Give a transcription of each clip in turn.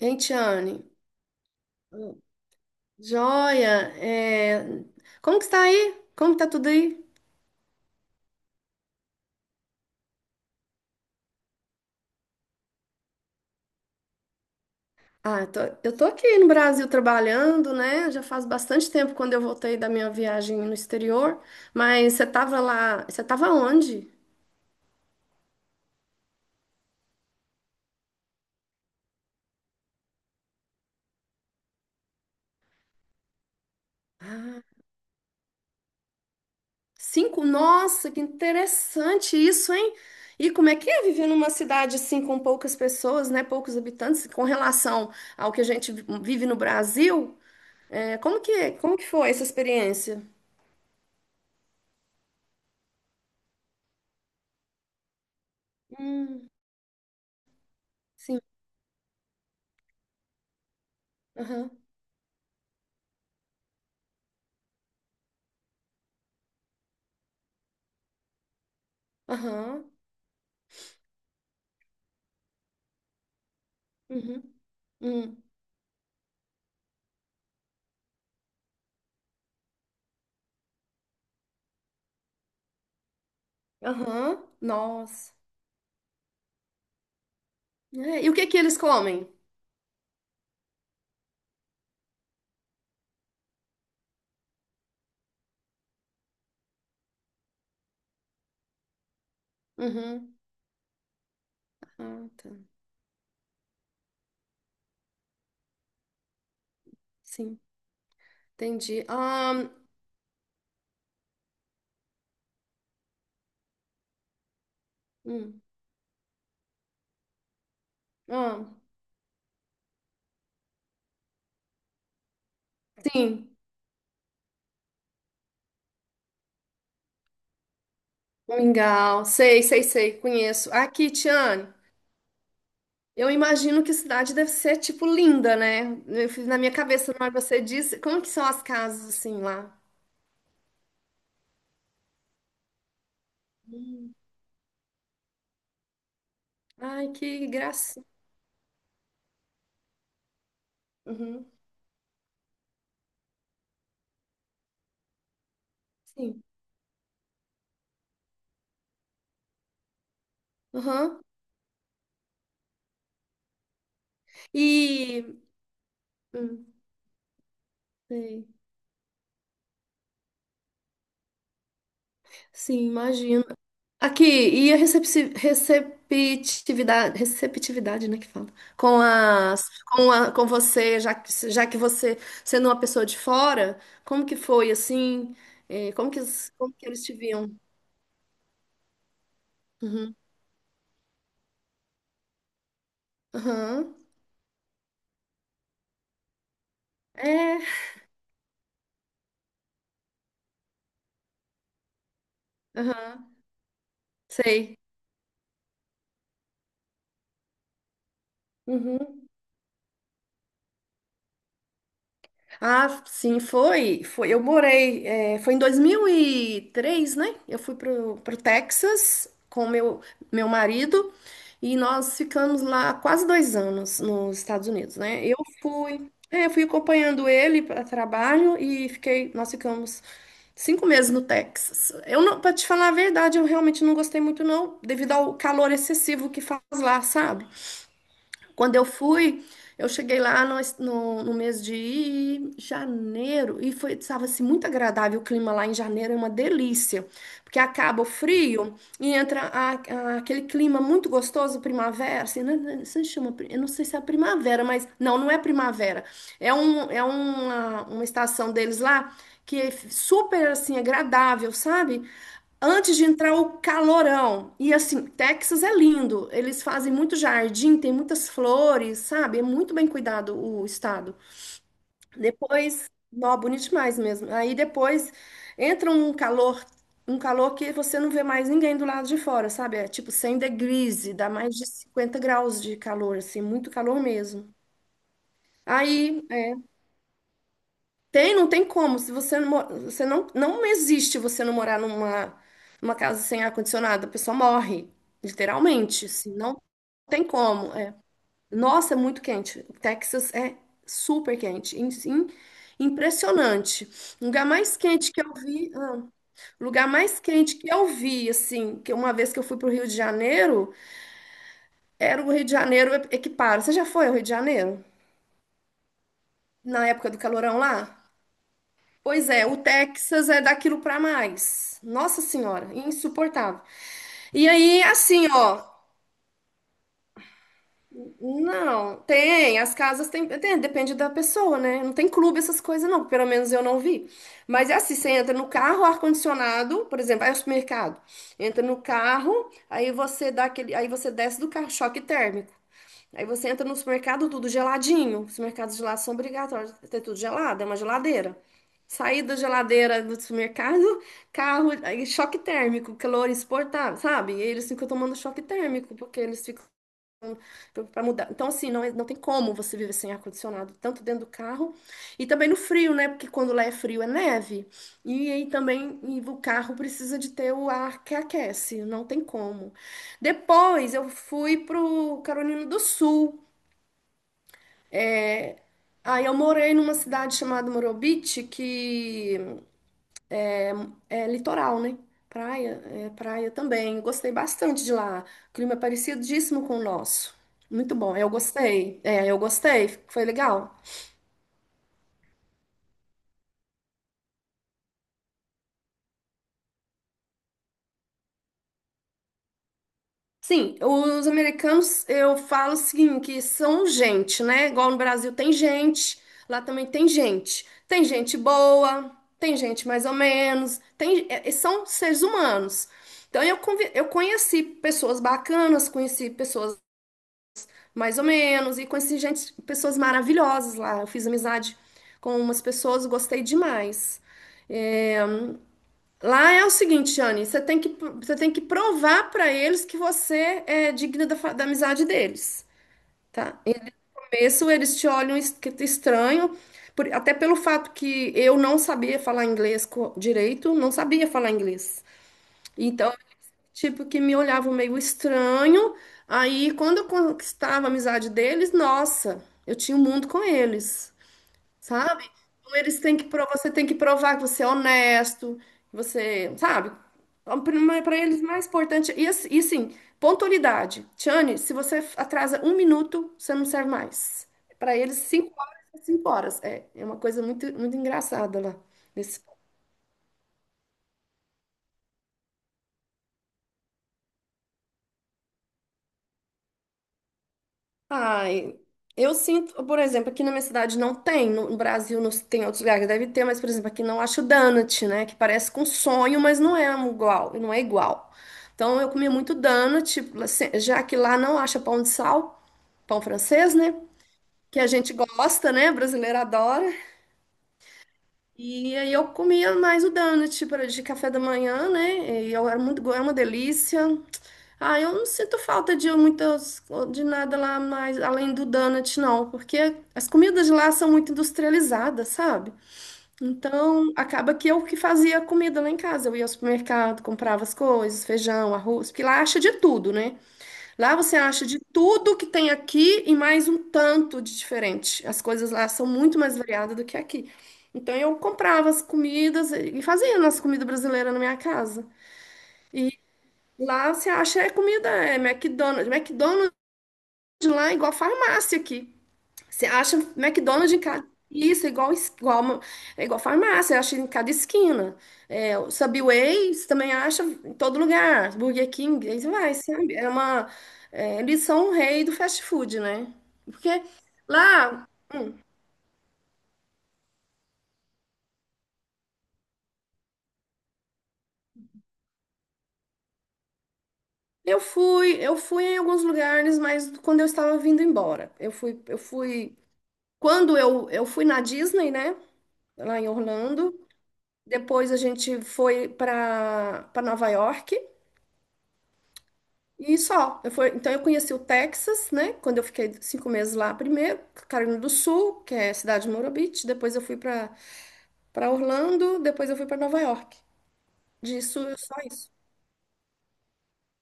Ei, Tiane. Joia, é, como que está aí? Como que tá tudo aí? Ah, eu tô aqui no Brasil trabalhando, né? Já faz bastante tempo quando eu voltei da minha viagem no exterior, mas você tava onde? Cinco? Nossa, que interessante isso, hein? E como é que é viver numa cidade assim com poucas pessoas, né? Poucos habitantes, com relação ao que a gente vive no Brasil? É, como que foi essa experiência? Hum, sim. Aham. Uhum. Uhum. Aham. Nossa. É, e o que que eles comem? Uhum. Ah, tá. Sim. Entendi. Ah, hum. Ah, sim. Mingau. Sei, sei, sei. Conheço. Aqui, Tiane. Eu imagino que a cidade deve ser, tipo, linda, né? Eu fiz na minha cabeça, na hora que você disse, como que são as casas, assim, lá? Hum. Ai, que graça. Uhum. Sim. Aham. E... hum, sei. Sim, imagino. Aqui, e a receptividade, né, que fala? Com as, com a, com você, já que você, sendo uma pessoa de fora, como que foi, assim, como que eles te viam? Uhum. Aham. É, aham, sei. Uhum. Ah, sim, foi. Foi. Eu morei, foi em 2003, né? Eu fui pro Texas com meu marido e nós ficamos lá quase 2 anos nos Estados Unidos, né? Eu fui acompanhando ele para trabalho e nós ficamos 5 meses no Texas. Eu não, Para te falar a verdade, eu realmente não gostei muito não, devido ao calor excessivo que faz lá, sabe? Quando eu fui, eu cheguei lá no mês de janeiro e estava assim, muito agradável o clima lá em janeiro, é uma delícia, porque acaba o frio e entra aquele clima muito gostoso, primavera, assim, né, se chama, eu não sei se é primavera, mas não, não é primavera, é, uma estação deles lá que é super, assim, agradável, sabe? Antes de entrar o calorão. E assim, Texas é lindo. Eles fazem muito jardim, tem muitas flores, sabe? É muito bem cuidado o estado. Depois, nó, bonito demais mesmo. Aí depois entra um calor que você não vê mais ninguém do lado de fora, sabe? É tipo 100 degrees, dá mais de 50 graus de calor, assim, muito calor mesmo. Aí Tem, não tem como. Se você não, mo- você não, Não existe você não morar numa casa sem ar-condicionado, a pessoa morre, literalmente. Assim, não tem como. É. Nossa, é muito quente. O Texas é super quente, impressionante. O lugar mais quente que eu vi, ah, o lugar mais quente que eu vi, assim, que uma vez que eu fui pro Rio de Janeiro, era o Rio de Janeiro equiparo. Você já foi ao Rio de Janeiro? Na época do calorão lá? Pois é, o Texas é daquilo pra mais. Nossa Senhora, insuportável. E aí, assim, ó, não, tem, as casas tem, depende da pessoa, né? Não tem clube essas coisas não, pelo menos eu não vi. Mas é assim, você entra no carro, ar-condicionado, por exemplo, vai ao supermercado, entra no carro, aí você dá aquele, aí você desce do carro, choque térmico. Aí você entra no supermercado, tudo geladinho. Os mercados gelados são obrigatórios a ter tudo gelado, é uma geladeira. Sair da geladeira do supermercado, carro, aí choque térmico, calor exportado, sabe? E eles ficam tomando choque térmico, porque eles ficam para mudar. Então, assim, não, não tem como você viver sem ar-condicionado, tanto dentro do carro e também no frio, né? Porque quando lá é frio é neve. E aí também e o carro precisa de ter o ar que aquece, não tem como. Depois eu fui pro Carolina do Sul. Aí eu morei numa cidade chamada Morobit, que é litoral, né? Praia, é praia também. Eu gostei bastante de lá. O clima é parecidíssimo com o nosso. Muito bom. Eu gostei. É, eu gostei. Foi legal. Sim, os americanos, eu falo o seguinte, que são gente, né? Igual no Brasil tem gente, lá também tem gente. Tem gente boa, tem gente mais ou menos, são seres humanos. Então eu conheci pessoas bacanas, conheci pessoas mais ou menos, e pessoas maravilhosas lá. Eu fiz amizade com umas pessoas, gostei demais. É, lá é o seguinte, Anne, você tem que provar para eles que você é digna da amizade deles, tá? Em começo, eles te olham estranho, até pelo fato que eu não sabia falar inglês direito, não sabia falar inglês. Então, tipo, que me olhavam meio estranho. Aí, quando eu conquistava a amizade deles, nossa, eu tinha um mundo com eles, sabe? Então eles têm que provar, você tem que provar que você é honesto, que você, sabe? Para eles, mais importante. E, assim, pontualidade. Tiane, se você atrasa um minuto, você não serve mais. Para eles, 5 horas é 5 horas. É, é uma coisa muito, muito engraçada lá. Ai, eu sinto, por exemplo, aqui na minha cidade não tem, no Brasil não, tem outros lugares que deve ter, mas, por exemplo, aqui não acho donut, né? Que parece com sonho, mas não é um igual, não é igual. Então eu comia muito donut, assim, já que lá não acha pão de sal, pão francês, né? Que a gente gosta, né? Brasileiro adora. E aí eu comia mais o donut para de café da manhã, né? E eu era muito, go- é uma delícia. Ah, eu não sinto falta de de nada lá mais além do donut, não, porque as comidas lá são muito industrializadas, sabe? Então, acaba que eu que fazia a comida lá em casa. Eu ia ao supermercado, comprava as coisas, feijão, arroz, porque lá acha de tudo, né? Lá você acha de tudo que tem aqui e mais um tanto de diferente. As coisas lá são muito mais variadas do que aqui. Então, eu comprava as comidas e fazia nossa comida brasileira na minha casa. Lá você acha é comida, é McDonald's. McDonald's lá é igual farmácia aqui. Você acha McDonald's em cada. Isso, é igual, é igual farmácia, acha em cada esquina. É, o Subway você também acha em todo lugar. Burger King, aí você vai, sabe? Eles são o rei do fast food, né? Porque lá eu fui em alguns lugares, mas quando eu estava vindo embora. Eu fui. Quando eu fui na Disney, né? Lá em Orlando. Depois a gente foi para Nova York e só. Então eu conheci o Texas, né? Quando eu fiquei 5 meses lá primeiro, Carolina do Sul, que é a cidade de Murray Beach. Depois eu fui para Orlando, depois eu fui para Nova York. Disso, só isso.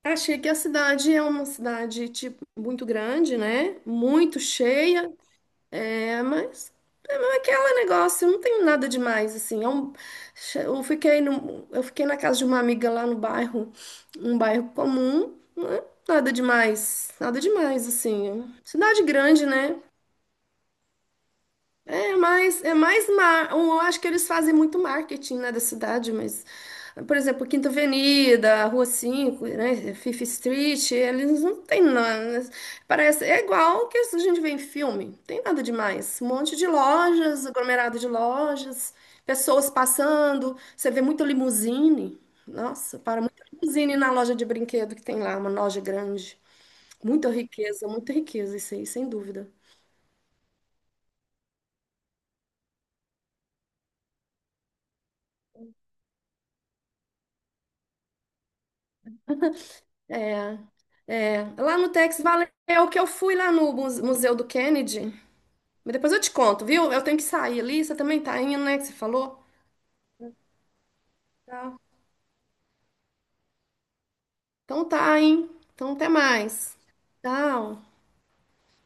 Achei que a cidade é uma cidade tipo muito grande, né? Muito cheia. É, mas mas aquele negócio, não tem nada demais, assim. Eu fiquei no, eu fiquei na casa de uma amiga lá no bairro, um bairro comum, né? Nada demais, nada demais, assim. Cidade grande, né? Eu acho que eles fazem muito marketing, né, da cidade, mas, por exemplo, Quinta Avenida, Rua 5, né, Fifth Street, eles não tem nada. É igual o que a gente vê em filme, não tem nada demais. Um monte de lojas, aglomerado de lojas, pessoas passando, você vê muita limusine. Nossa, para muita limusine na loja de brinquedo que tem lá, uma loja grande. Muita riqueza, isso aí, sem dúvida. É. Lá no Tex Valeu, que eu fui lá no Museu do Kennedy. Mas depois eu te conto, viu? Eu tenho que sair ali. Você também tá indo, né? Que você falou? Tá. Então tá, hein? Então até mais. Tchau.